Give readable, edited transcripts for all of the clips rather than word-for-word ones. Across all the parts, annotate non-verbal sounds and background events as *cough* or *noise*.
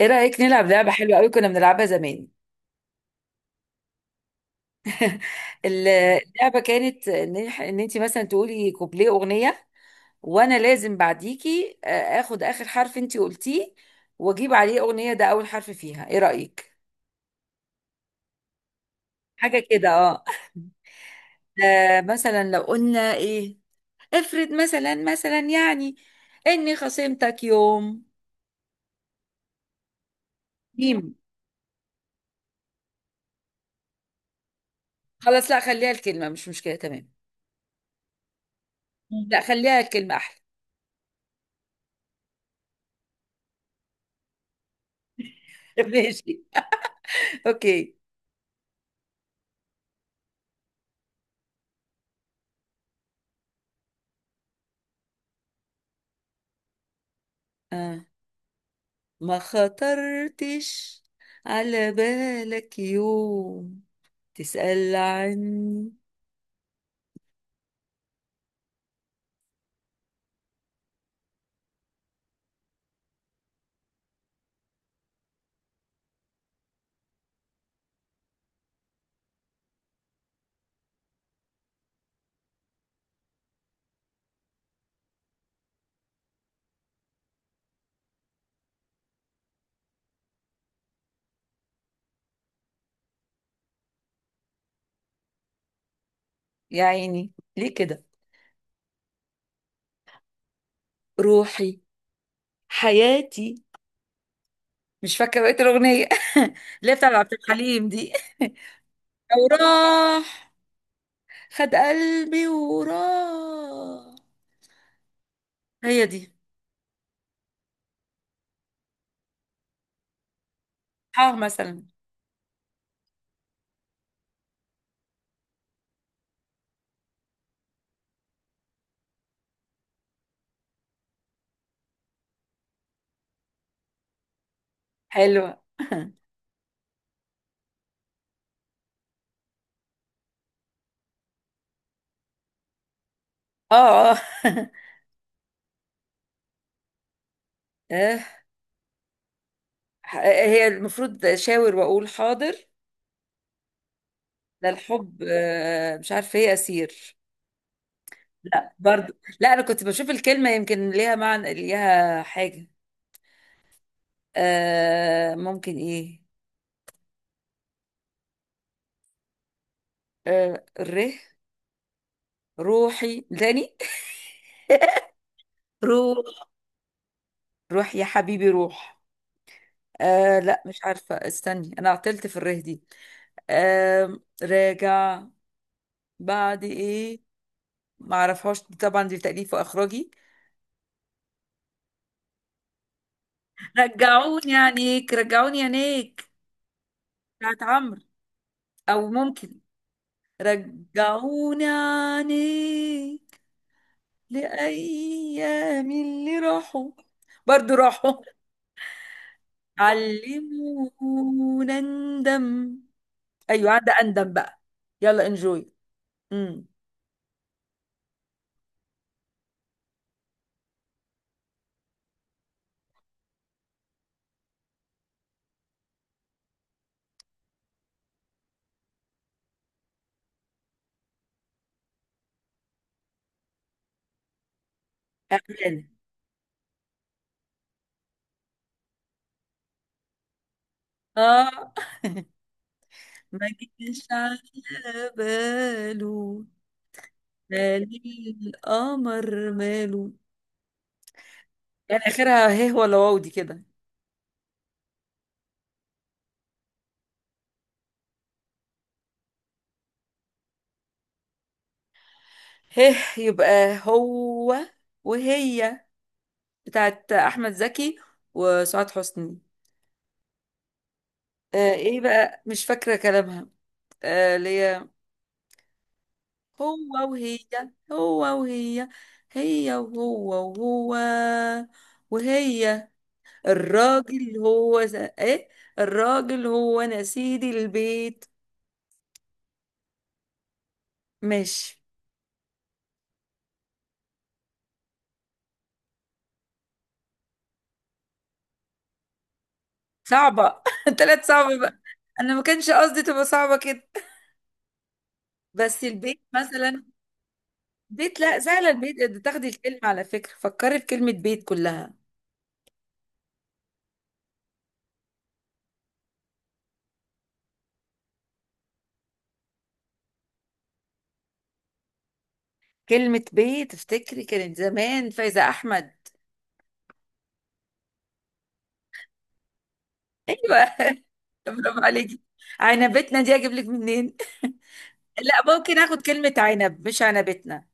ايه رأيك نلعب لعبة حلوة قوي، كنا بنلعبها زمان؟ اللعبة كانت ان انت مثلا تقولي كوبليه أغنية، وانا لازم بعديكي اخد اخر حرف انت قلتيه واجيب عليه أغنية ده اول حرف فيها. ايه رأيك؟ حاجة كده، اه. مثلا لو قلنا ايه. افرض مثلا يعني اني خصمتك يوم. ميم. خلاص، لا خليها الكلمة، مش مشكلة، تمام. لا خليها الكلمة احلى. *laughs* ماشي. اوكي. آه. ما خطرتش على بالك يوم تسأل عني؟ يا عيني ليه كده؟ روحي حياتي. مش فاكرة بقية الأغنية، *laughs* اللي هي بتاع عبد الحليم دي. *laughs* لو راح، خد قلبي وراح. هي دي. اه مثلا. حلوة. *laughs* اه، اه. *laughs* آه، هي المفروض شاور واقول حاضر. ده الحب، مش عارفة ايه اسير. لا برضو. لا انا كنت بشوف الكلمه يمكن ليها معنى، ليها حاجه. ممكن ايه. ره. روحي تاني. *laughs* روح. روح يا حبيبي روح. لا مش عارفه، استني، انا عطلت في الره دي. راجع بعد ايه. ما اعرفهاش طبعا، دي تأليف واخراجي. رجعوني عينيك، رجعوني عينيك بتاعت عمرو. او ممكن رجعوني عينيك لأيام اللي راحوا. برضو راحوا. علمونا ندم. أيوة عندي أندم بقى. يلا انجوي. امم. يعني اه، ما جيش على باله. مال القمر ماله. يعني آخرها هيه ولا واو دي كده؟ هيه يبقى هو وهي، بتاعت أحمد زكي وسعاد حسني. ايه بقى، مش فاكرة كلامها. ليه. هو وهي. هو وهي. هي وهو. وهو وهي. الراجل هو ايه، الراجل هو انا سيد البيت. ماشي. صعبة، *laughs* طلعت صعبة بقى. انا ما كانش قصدي تبقى صعبة كده. بس البيت مثلا. بيت لا سهلة، البيت ده تاخدي الكلمة. على فكرة فكري في كلمة بيت كلها. كلمة بيت افتكري، كانت زمان فايزة احمد. ايوه. *laughs* برافو عليكي. انا بيتنا دي اجيب لك منين؟ لا، ممكن اخد كلمة عنب، مش عنبتنا.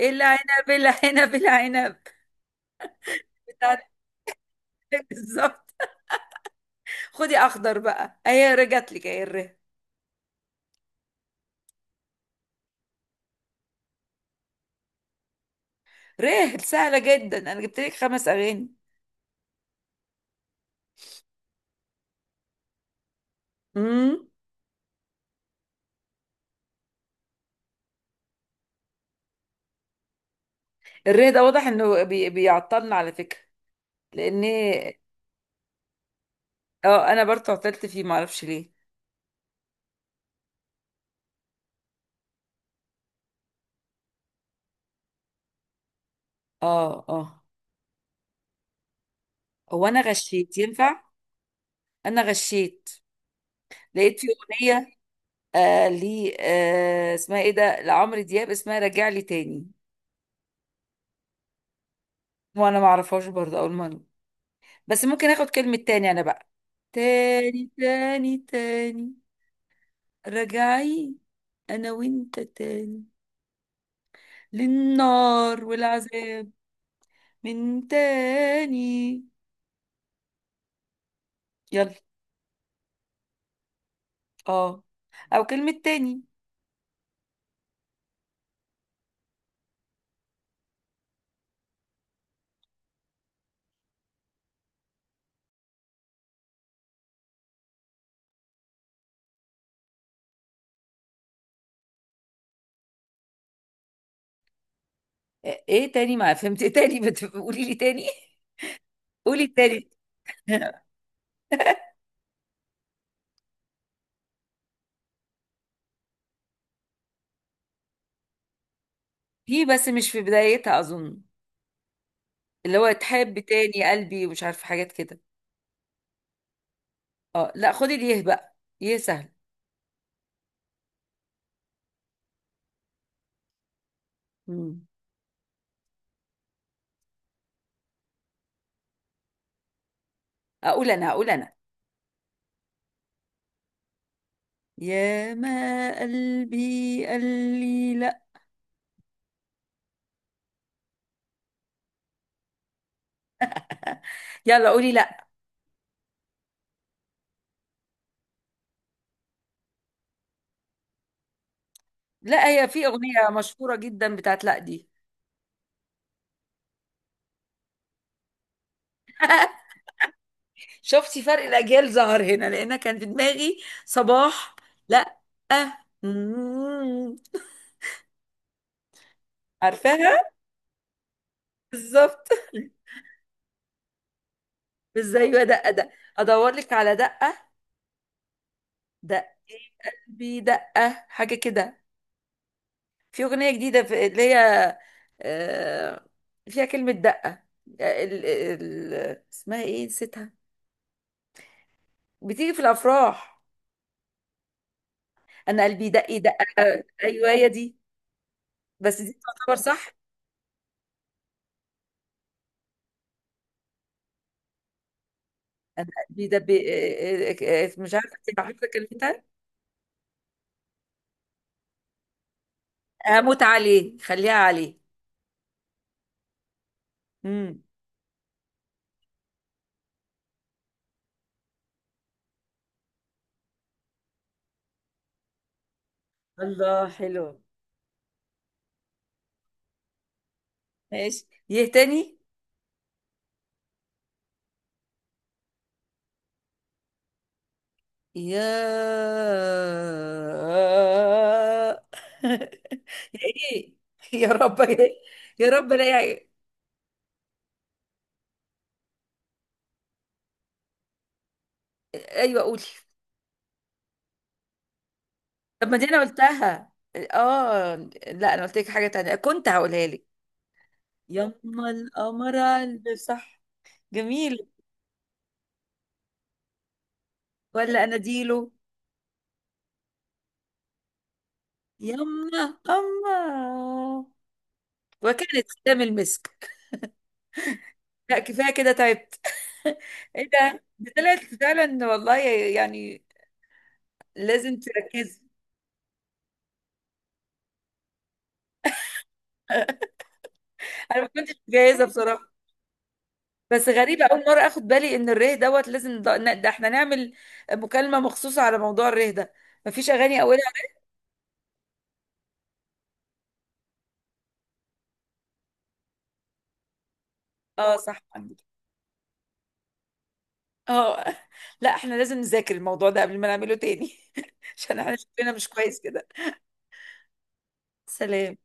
العنب العنب العنب. بتاعتك. بالظبط. خدي اخضر بقى، اهي رجعت لك اهي الره. ره سهلة جدا، انا جبت لك خمس اغاني. امم. الره ده واضح انه بيعطلنا على فكرة. لان اه انا برضه عطلت فيه، معرفش ليه. اه، اه. هو انا غشيت ينفع؟ انا غشيت، لقيت في اغنية لي اسمها ايه ده، لعمرو دياب، اسمها راجع لي تاني. وانا ما اعرفهاش برضه اول مرة. بس ممكن اخد كلمة تاني انا بقى. تاني تاني تاني. رجعي انا وانت تاني للنار والعذاب. من تاني. يلا. اه. او كلمة تاني. ايه تاني، ما فهمت، ايه تاني قولي لي تاني. قولي التاني. *laughs* في، بس مش في بدايتها اظن، اللي هو تحب تاني قلبي، ومش عارفه حاجات كده. اه، لا خدي ليه بقى. يه سهل. مم. اقول انا، اقول انا يا ما قلبي قال لي لا. يلا قولي لا. لا، هي في أغنية مشهورة جدا بتاعت لا دي. شفتي فرق الاجيال ظهر هنا، لان كان في دماغي صباح. لا. أه. مم. عارفاها. *laughs* بالظبط. ازاي يا دقه ده؟ ادور لك على دقه. دقه. قلبي دقه، حاجه كده. في اغنيه جديده، في اللي هي، آه، فيها كلمه دقه. اسمها ايه، نسيتها. بتيجي في الافراح. انا قلبي دق دق. ايوه هي دي. بس دي تعتبر صح. انا قلبي دق، مش عارفه، انت عارفه كلمتها؟ هموت عليه خليها عليه. امم. الله حلو. ماشي يه تاني. يا. *laughs* يا ايه؟ يا رب يا إيه؟ يا رب لا. ايوه قولي. طب ما دي انا قلتها اه. لا، انا قلت لك حاجه تانية كنت هقولها لك. يما القمر قلبي صح. جميل. ولا أناديله. يما. أما. وكانت ختام المسك. لا كفاية كده، تعبت. *laughs* ايه ده، دي طلعت فعلا والله يعني. لازم تركزي. انا ما كنتش جاهزه بصراحه. بس غريبه اول مره اخد بالي ان الريه دوت لازم، ده احنا نعمل مكالمه مخصوصه على موضوع الريه ده. مفيش اغاني اولها. اه صح. اه. لا احنا لازم نذاكر الموضوع ده قبل ما نعمله تاني. *laughs* عشان احنا شكلنا مش كويس كده. سلام.